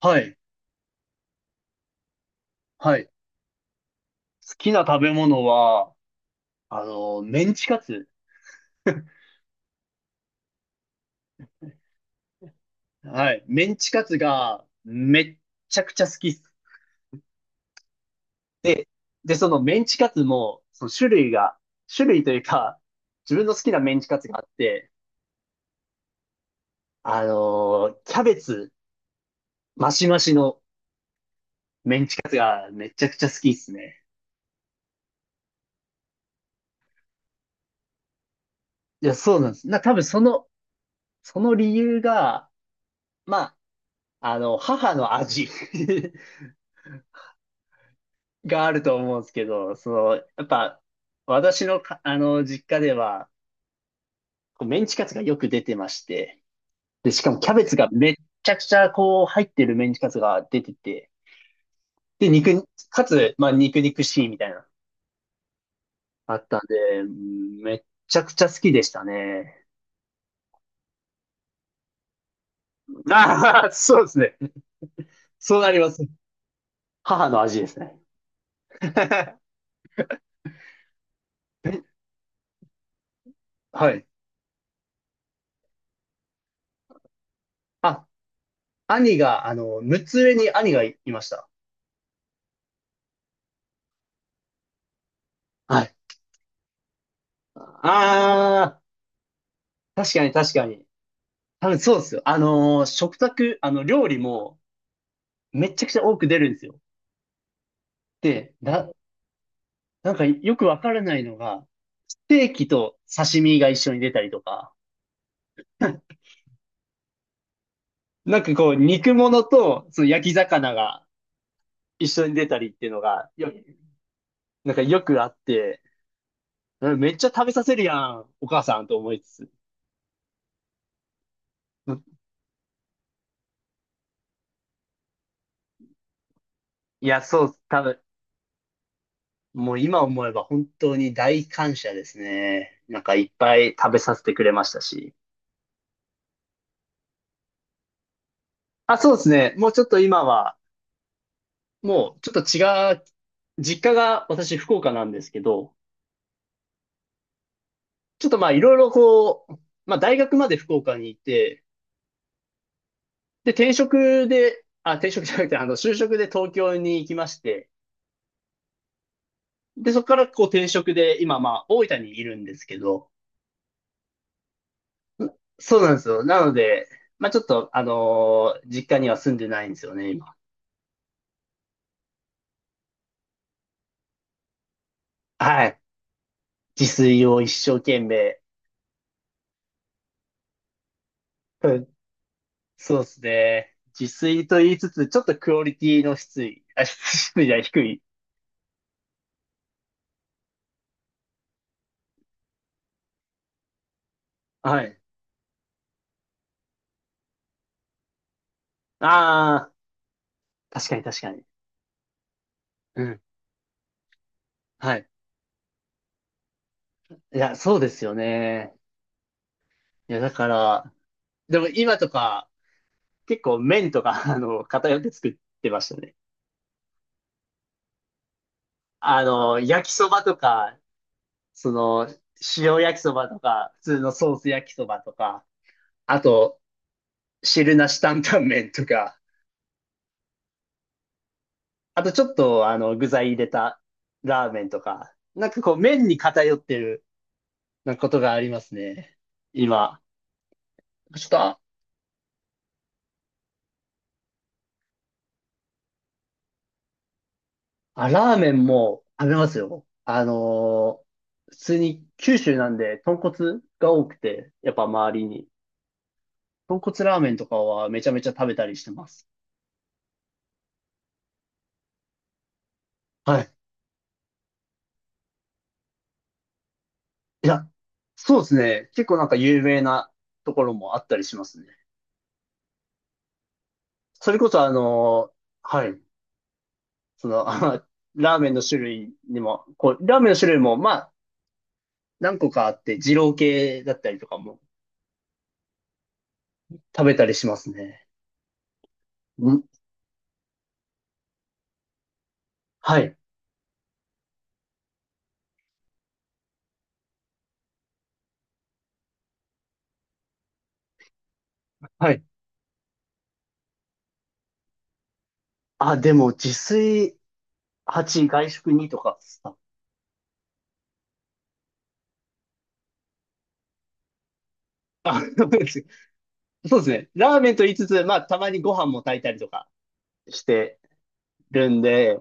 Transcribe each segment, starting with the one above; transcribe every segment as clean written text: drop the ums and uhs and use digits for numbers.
はい。はい。好きな食べ物は、メンチカツ。はい。メンチカツがめっちゃくちゃ好きっす。で、で、そのメンチカツも、その種類が、種類というか、自分の好きなメンチカツがあって、キャベツマシマシのメンチカツがめちゃくちゃ好きっすね。いや、そうなんです。多分その、その理由が、ま母の味。があると思うんですけど、その、やっぱ、私のか、あの、実家では、こうメンチカツがよく出てまして、で、しかもキャベツがめっちゃくちゃ、こう、入ってるメンチカツが出てて、で、肉、かつ、まあ、肉肉しいみたいなあったんで、うん、めっちゃくちゃ好きでしたね。ああ、そうですね。そうなります。母の味ですね。え、はい。あ、兄が、あの、6つ上に兄がいました。はい。ああ、確かに確かに。多分そうですよ。食卓、あの、料理もめちゃくちゃ多く出るんですよ。で、だ、なんかよくわからないのが、ステーキと刺身が一緒に出たりとか、なんかこう、肉物とその焼き魚が一緒に出たりっていうのが、なんかよくあって、うん、めっちゃ食べさせるやん、お母さんと思いつつ。うんいや、そう、多分、もう今思えば本当に大感謝ですね。なんかいっぱい食べさせてくれましたし。あ、そうですね。もうちょっと今は、もう、ちょっと違う、実家が私福岡なんですけど、ちょっとまあいろいろこう、まあ大学まで福岡にいて、で、転職じゃなくて、あの、就職で東京に行きまして、で、そこからこう転職で、今まあ大分にいるんですけど、そうなんですよ。なので、まあちょっと、実家には住んでないんですよね、今。はい。自炊を一生懸命。うん、そうですね。自炊と言いつつ、ちょっとクオリティの質、あ、質じゃない、低い。はい。ああ、確かに確かに。うん。はい。いや、そうですよね。いや、だから、でも今とか、結構麺とか、あの、偏って作ってましたね。あの、焼きそばとか、その、塩焼きそばとか、普通のソース焼きそばとか、あと、汁なし担々麺とか、あとちょっと、あの、具材入れたラーメンとか、なんかこう、麺に偏ってるなことがありますね。今、ちょっと。あ、ラーメンも食べますよ。普通に九州なんで豚骨が多くて、やっぱ周りに。豚骨ラーメンとかはめちゃめちゃ食べたりしてます。はい。いや、そうですね。結構なんか有名なところもあったりしますね。それこそあのーはい。その、あ、ラーメンの種類にも、こう、ラーメンの種類も、まあ、何個かあって、二郎系だったりとかも食べたりしますね。ん、はい。はい。あ、でも自炊、8、外食にとかさ、あ、そうです。 そうですね。ラーメンと言いつつ、まあ、たまにご飯も炊いたりとかしてるんで、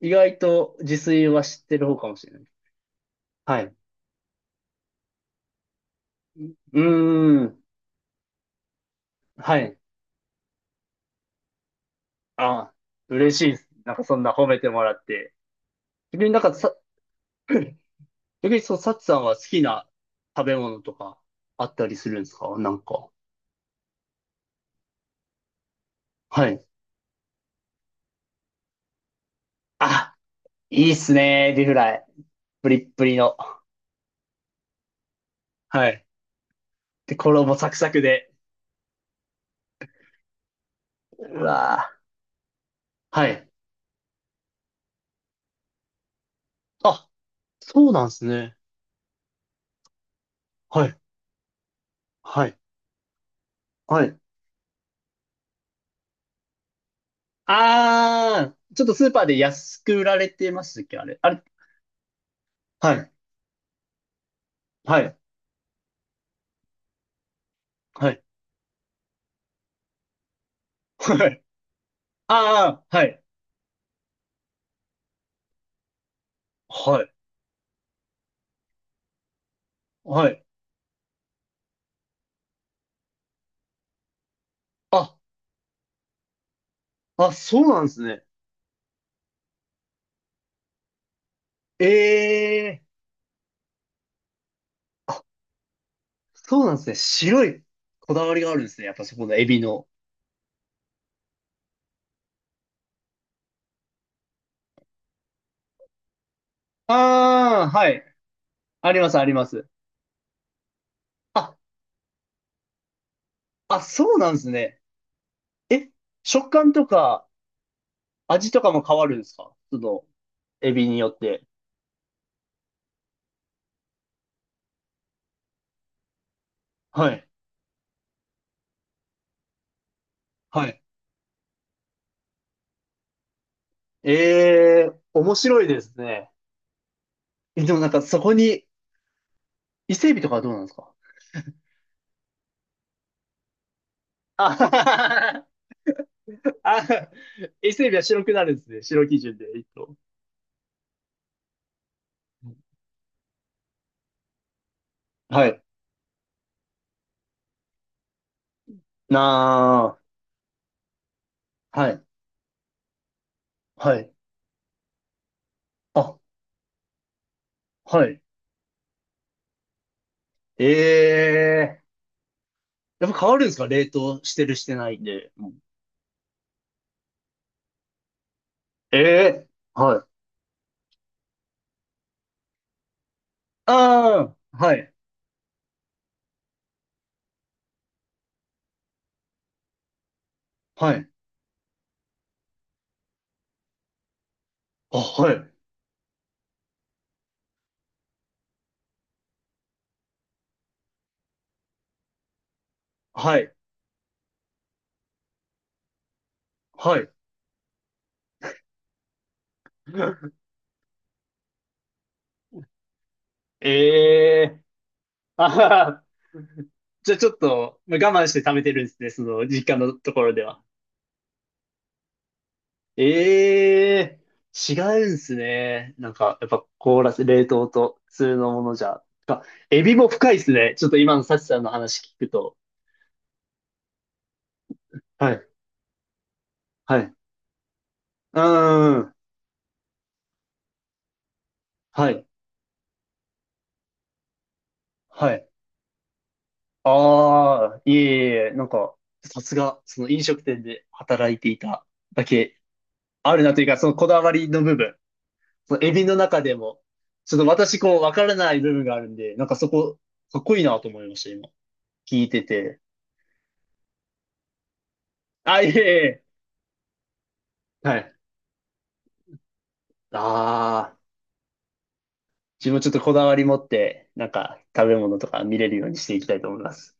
意外と自炊は知ってる方かもしれない。はい。うーん。はい。あ、嬉しいです。なんかそんな褒めてもらって。逆になんかさ、逆にそう、サチさんは好きな食べ物とかあったりするんですか、なんか。はい。あ、いいっすね、エビフライ。プリップリの。はい。で、衣サクサクで。うわぁ、はい。あ、そうなんですね。はい、はい、はい、あー、ちょっとスーパーで安く売られてましたっけあれ。あれ、はい、はい、はい、はい。あー、はい。はい、はい。あ、あ、そうなんですね。ええー、そうなんですね。白いこだわりがあるんですね。やっぱそこのエビの。あー、はい。あります、あります。あ、あ、そうなんですね。え、食感とか味とかも変わるんですか、その、エビによって。はい。はい、ええー、面白いですね。え、でもなんかそこに伊勢海老とかはどうなんですか。あははは。 あ、伊勢海老は白くなるんですね。白基準で、一頭。はい。な、あ、はい、はい。あ、はい。ええー、やっぱ変わるんですか、冷凍してるしてないんで。ええー、はい。ああ、はい、はい。あ、はい、はい、はい。ええー、あはは、じゃあちょっと、まあ我慢して貯めてるんですね、その実家のところでは。ええー、違うんすね。なんか、やっぱ凍らせ、冷凍と普通のものじゃ。か、エビも深いですね。ちょっと今のサチさんの話聞くと。はい、はい。うーん、はい、はい。ああ、いえいえ、なんか、さすが、その飲食店で働いていただけあるなというか、そのこだわりの部分。そのエビの中でも、ちょっと私こうわからない部分があるんで、なんかそこ、かっこいいなと思いました、今。聞いてて。あ、いえいえ。はい。ああ、自分ちょっとこだわり持って、なんか食べ物とか見れるようにしていきたいと思います。